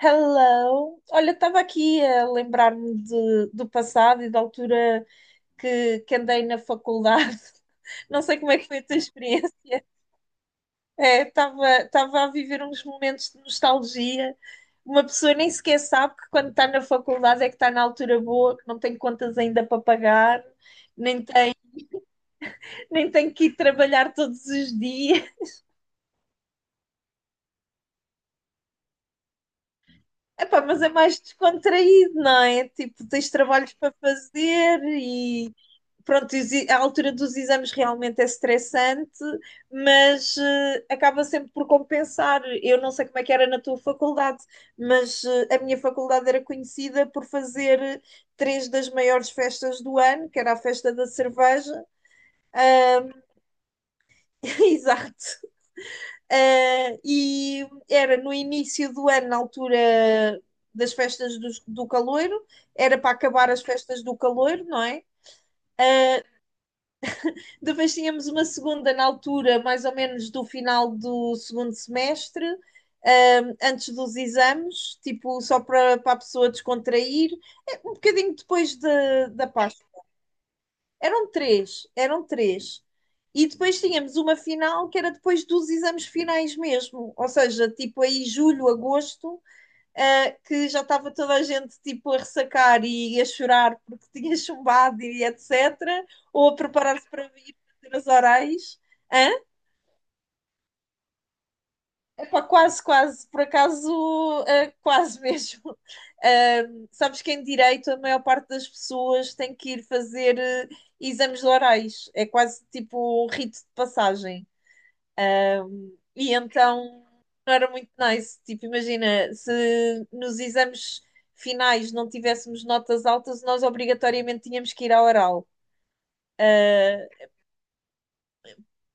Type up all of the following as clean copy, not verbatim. Hello! Olha, estava aqui a lembrar-me do passado e da altura que andei na faculdade. Não sei como é que foi a tua experiência. É, estava a viver uns momentos de nostalgia. Uma pessoa nem sequer sabe que, quando está na faculdade, é que está na altura boa, que não tem contas ainda para pagar, nem tem, nem tem que ir trabalhar todos os dias. Epá, mas é mais descontraído, não é? Tipo, tens trabalhos para fazer, pronto, a altura dos exames realmente é estressante, mas acaba sempre por compensar. Eu não sei como é que era na tua faculdade, mas a minha faculdade era conhecida por fazer três das maiores festas do ano, que era a festa da cerveja. Exato. E era no início do ano, na altura das festas do Caloiro, era para acabar as festas do Caloiro, não é? Depois tínhamos uma segunda na altura, mais ou menos do final do segundo semestre, antes dos exames, tipo, só para a pessoa descontrair. É, um bocadinho depois da Páscoa. Eram três, eram três. E depois tínhamos uma final que era depois dos exames finais mesmo, ou seja, tipo aí julho, agosto, que já estava toda a gente tipo a ressacar e a chorar porque tinha chumbado e etc. Ou a preparar-se para vir fazer as orais. Hã? Epá, quase, quase, por acaso, quase mesmo. Sabes que em direito a maior parte das pessoas tem que ir fazer exames de orais, é quase tipo um rito de passagem. E então não era muito nice. Tipo, imagina, se nos exames finais não tivéssemos notas altas, nós obrigatoriamente tínhamos que ir ao oral.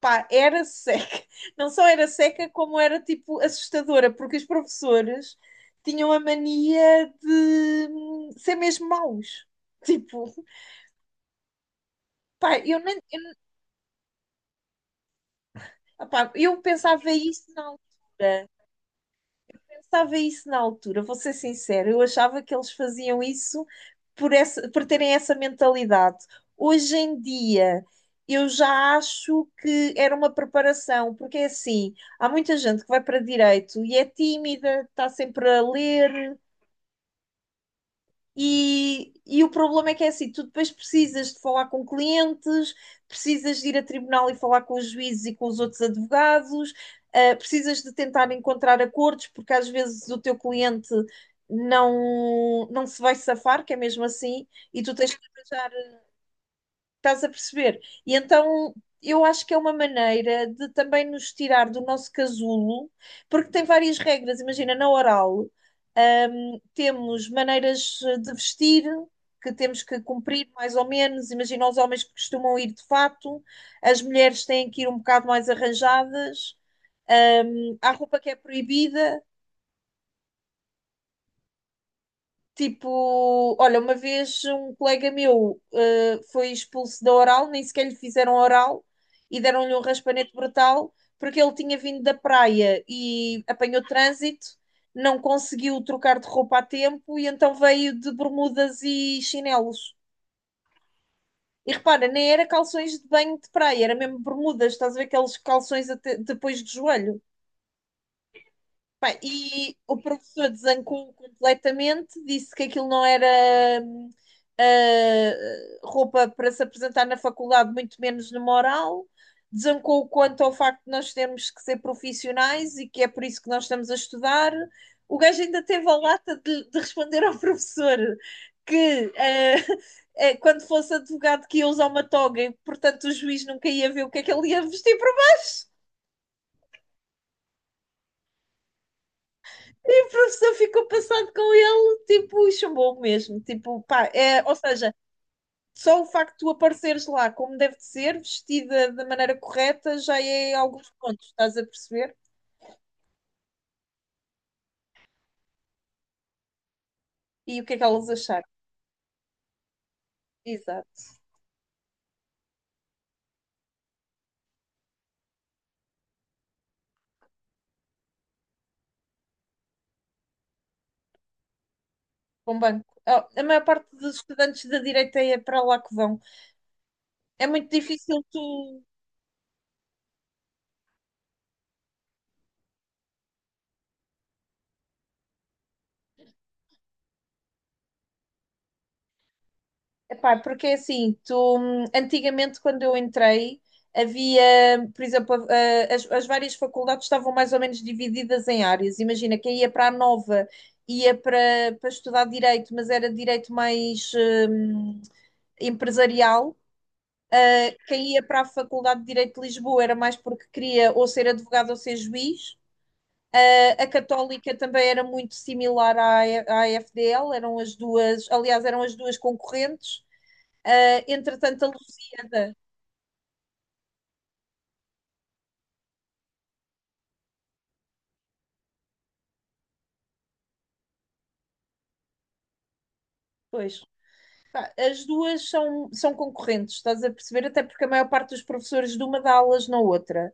Pá, era seca. Não só era seca, como era tipo assustadora, porque os professores tinham a mania de ser mesmo maus. Tipo, pá, eu nem, opá, eu pensava isso na altura. Pensava isso na altura, vou ser sincera, eu achava que eles faziam isso por, essa, por terem essa mentalidade. Hoje em dia, eu já acho que era uma preparação, porque é assim, há muita gente que vai para direito e é tímida, está sempre a ler, e o problema é que é assim, tu depois precisas de falar com clientes, precisas de ir a tribunal e falar com os juízes e com os outros advogados, precisas de tentar encontrar acordos, porque, às vezes, o teu cliente não, não se vai safar, que é mesmo assim, e tu tens que arranjar. Estás a perceber? E então eu acho que é uma maneira de também nos tirar do nosso casulo, porque tem várias regras. Imagina, na oral, temos maneiras de vestir que temos que cumprir mais ou menos. Imagina, os homens que costumam ir de fato, as mulheres têm que ir um bocado mais arranjadas, há roupa que é proibida. Tipo, olha, uma vez um colega meu foi expulso da oral, nem sequer lhe fizeram oral e deram-lhe um raspanete brutal, porque ele tinha vindo da praia e apanhou trânsito, não conseguiu trocar de roupa a tempo e então veio de bermudas e chinelos. E repara, nem era calções de banho de praia, era mesmo bermudas, estás a ver, aqueles calções até depois do joelho. Pá, e o professor desancou completamente, disse que aquilo não era hum, roupa para se apresentar na faculdade, muito menos numa oral. Desancou quanto ao facto de nós termos que ser profissionais e que é por isso que nós estamos a estudar. O gajo ainda teve a lata de responder ao professor que quando fosse advogado, que ia usar uma toga e, portanto, o juiz nunca ia ver o que é que ele ia vestir por baixo. O professor ficou passado com ele, tipo, chumbou mesmo. Tipo, pá, é, ou seja, só o facto de tu apareceres lá como deve de ser, vestida da maneira correta, já é alguns pontos, estás a perceber? E o que é que elas acharam? Exato, bom banco. Oh, a maior parte dos estudantes da direita é para lá que vão. É muito difícil tu... Epá, porque assim, tu, antigamente quando eu entrei, havia, por exemplo, as várias faculdades estavam mais ou menos divididas em áreas. Imagina, quem ia para a Nova ia para, para estudar direito, mas era direito mais hum, empresarial. Quem ia para a Faculdade de Direito de Lisboa era mais porque queria ou ser advogado ou ser juiz. A Católica também era muito similar à, à FDL, eram as duas, aliás, eram as duas concorrentes. Ah, entretanto, a Lusíada, pois, pá, as duas são concorrentes, estás a perceber? Até porque a maior parte dos professores de uma dá aulas na outra.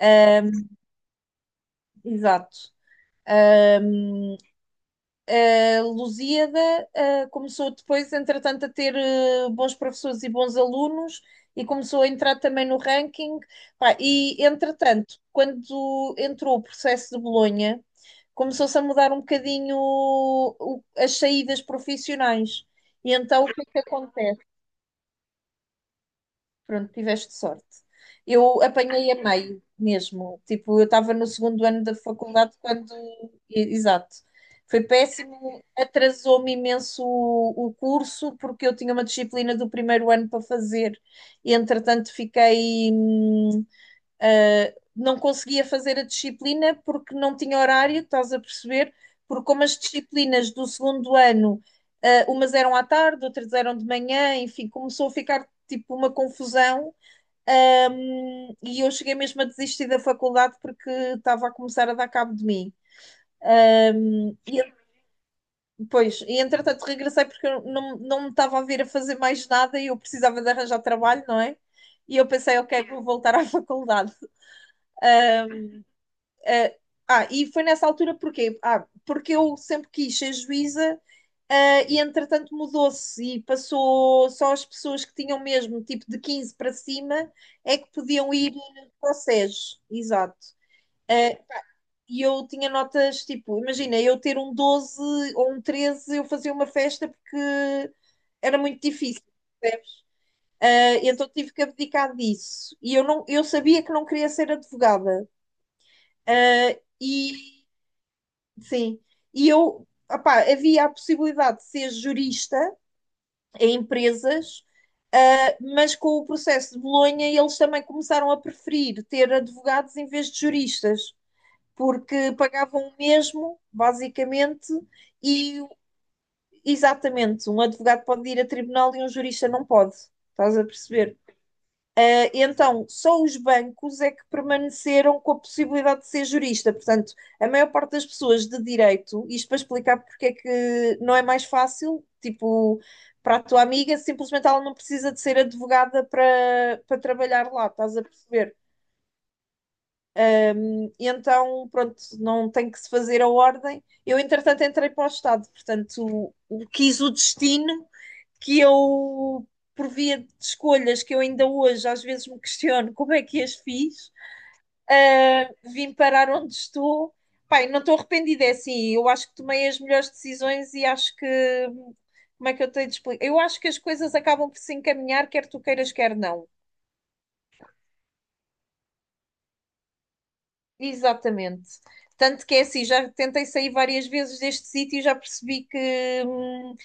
Ah, exato. A Lusíada, começou depois, entretanto, a ter bons professores e bons alunos e começou a entrar também no ranking. Pá, e, entretanto, quando entrou o processo de Bolonha, começou-se a mudar um bocadinho as saídas profissionais. E então, o que é que acontece? Pronto, tiveste sorte. Eu apanhei a meio mesmo. Tipo, eu estava no segundo ano da faculdade quando... Exato. Foi péssimo, atrasou-me imenso o curso, porque eu tinha uma disciplina do primeiro ano para fazer e, entretanto, fiquei. Não conseguia fazer a disciplina porque não tinha horário, estás a perceber? Porque, como as disciplinas do segundo ano, umas eram à tarde, outras eram de manhã, enfim, começou a ficar tipo uma confusão, e eu cheguei mesmo a desistir da faculdade porque estava a começar a dar cabo de mim. E, pois, e entretanto regressei, porque eu não, não me estava a vir a fazer mais nada e eu precisava de arranjar trabalho, não é? E eu pensei, ok, vou voltar à faculdade. Uh, e foi nessa altura, porquê? Ah, porque eu sempre quis ser juíza, e entretanto mudou-se e passou, só as pessoas que tinham mesmo tipo de 15 para cima é que podiam ir para o SES, exato. Ah, e eu tinha notas, tipo, imagina, eu ter um 12 ou um 13 eu fazia uma festa, porque era muito difícil. Ah, então tive que abdicar disso. E eu, não, eu sabia que não queria ser advogada. Ah, e sim, e eu, opá, havia a possibilidade de ser jurista em empresas, mas com o processo de Bolonha eles também começaram a preferir ter advogados em vez de juristas, porque pagavam o mesmo, basicamente, e exatamente, um advogado pode ir a tribunal e um jurista não pode. Estás a perceber? Então, só os bancos é que permaneceram com a possibilidade de ser jurista. Portanto, a maior parte das pessoas de direito, isto para explicar porque é que não é mais fácil, tipo, para a tua amiga, simplesmente ela não precisa de ser advogada para, para trabalhar lá, estás a perceber? E então, pronto, não tem que se fazer a ordem. Eu, entretanto, entrei para o Estado, portanto, quis o destino que eu, por via de escolhas que eu ainda hoje às vezes me questiono como é que as fiz, vim parar onde estou. Pai, não estou arrependida, é assim, eu acho que tomei as melhores decisões e acho que... Como é que eu tenho de explicar? Eu acho que as coisas acabam por se encaminhar, quer tu queiras, quer não. Exatamente. Tanto que é assim, já tentei sair várias vezes deste sítio e já percebi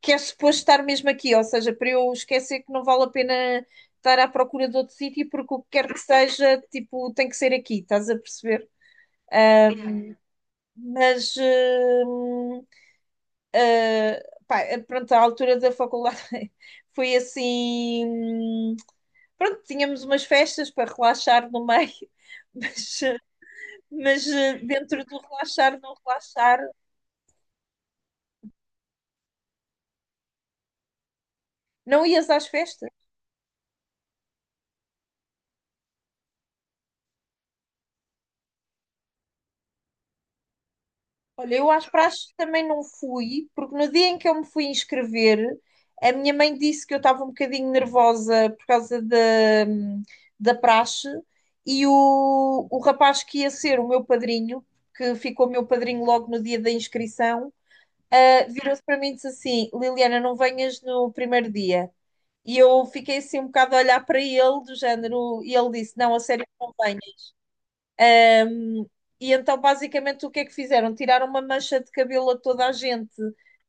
que é suposto estar mesmo aqui, ou seja, para eu esquecer, que não vale a pena estar à procura de outro sítio, porque o que quer que seja, tipo, tem que ser aqui, estás a perceber? Hum, mas, pá, pronto, a altura da faculdade foi assim. Pronto, tínhamos umas festas para relaxar no meio, mas, mas dentro do relaxar. Não ias às festas? Olha, eu às praxes também não fui, porque no dia em que eu me fui inscrever, a minha mãe disse que eu estava um bocadinho nervosa por causa da, da praxe, e o rapaz que ia ser o meu padrinho, que ficou meu padrinho logo no dia da inscrição, virou-se para mim e disse assim: "Liliana, não venhas no primeiro dia." E eu fiquei assim um bocado a olhar para ele, do género, e ele disse: "Não, a sério, não venho." E então, basicamente, o que é que fizeram? Tiraram uma mancha de cabelo a toda a gente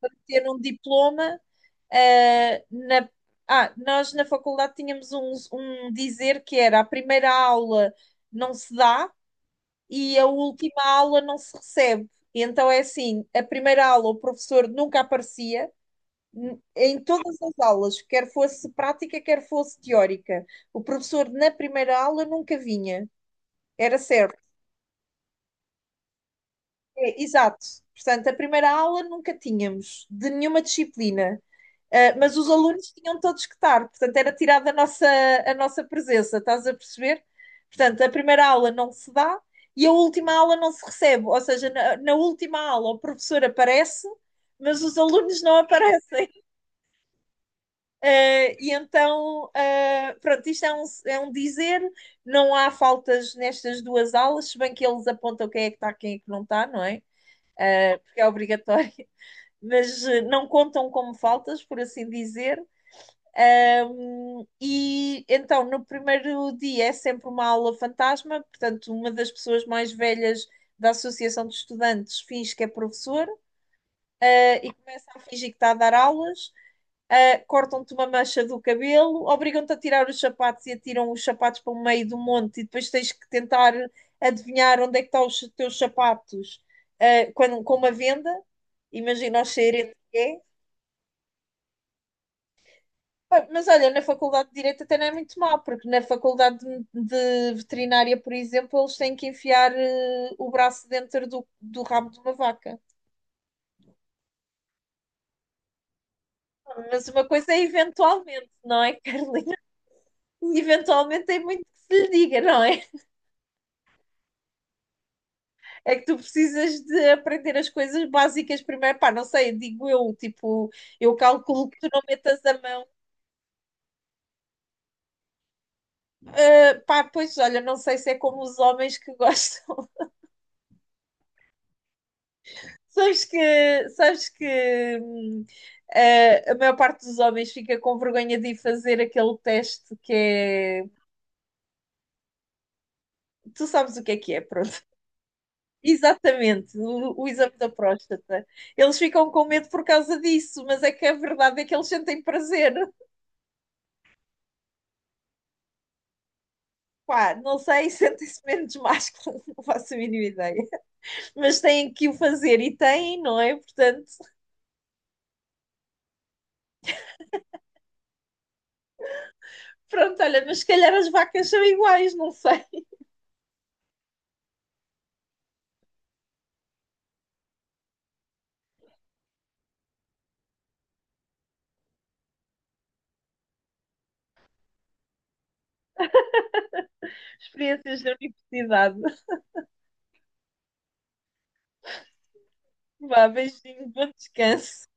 para ter um diploma. eh, na... Ah, nós, na faculdade, tínhamos um, um dizer que era: a primeira aula não se dá e a última aula não se recebe. E então é assim, a primeira aula o professor nunca aparecia, em todas as aulas, quer fosse prática, quer fosse teórica. O professor na primeira aula nunca vinha, era certo. É, exato. Portanto, a primeira aula nunca tínhamos de nenhuma disciplina, mas os alunos tinham todos que estar, portanto, era tirada a nossa presença, estás a perceber? Portanto, a primeira aula não se dá e a última aula não se recebe, ou seja, na, na última aula o professor aparece, mas os alunos não aparecem. E então, pronto, isto é um dizer, não há faltas nestas duas aulas, se bem que eles apontam quem é que está, quem é que não está, não é? Ah, porque é obrigatório, mas não contam como faltas, por assim dizer. E então, no primeiro dia é sempre uma aula fantasma, portanto, uma das pessoas mais velhas da Associação de Estudantes finge que é professor, e começa a fingir que está a dar aulas. Cortam-te uma mancha do cabelo, obrigam-te a tirar os sapatos e atiram os sapatos para o meio do monte e depois tens que tentar adivinhar onde é que estão os teus sapatos, com uma venda. Imagina o cheiro que é. Ah, mas olha, na Faculdade de Direito até não é muito mal, porque na faculdade de veterinária, por exemplo, eles têm que enfiar o braço dentro do, do rabo de uma vaca. Mas uma coisa é eventualmente, não é, Carlinhos? Eventualmente tem muito que se lhe diga, não é? É que tu precisas de aprender as coisas básicas primeiro. Pá, não sei, digo eu, tipo, eu calculo que tu não metas a mão. Ah, pá, pois olha, não sei se é como os homens que gostam. Sabes que hum, a maior parte dos homens fica com vergonha de ir fazer aquele teste que é... Tu sabes o que é, pronto. Exatamente, o exame da próstata. Eles ficam com medo por causa disso, mas é que a verdade é que eles sentem prazer. Pá, não sei, sentem-se menos másculos, não faço a mínima ideia. Mas têm que o fazer e têm, não é? Portanto, pronto, olha, mas se calhar as vacas são iguais, não sei. Experiências da universidade. Vá, beijinho, bom descanso.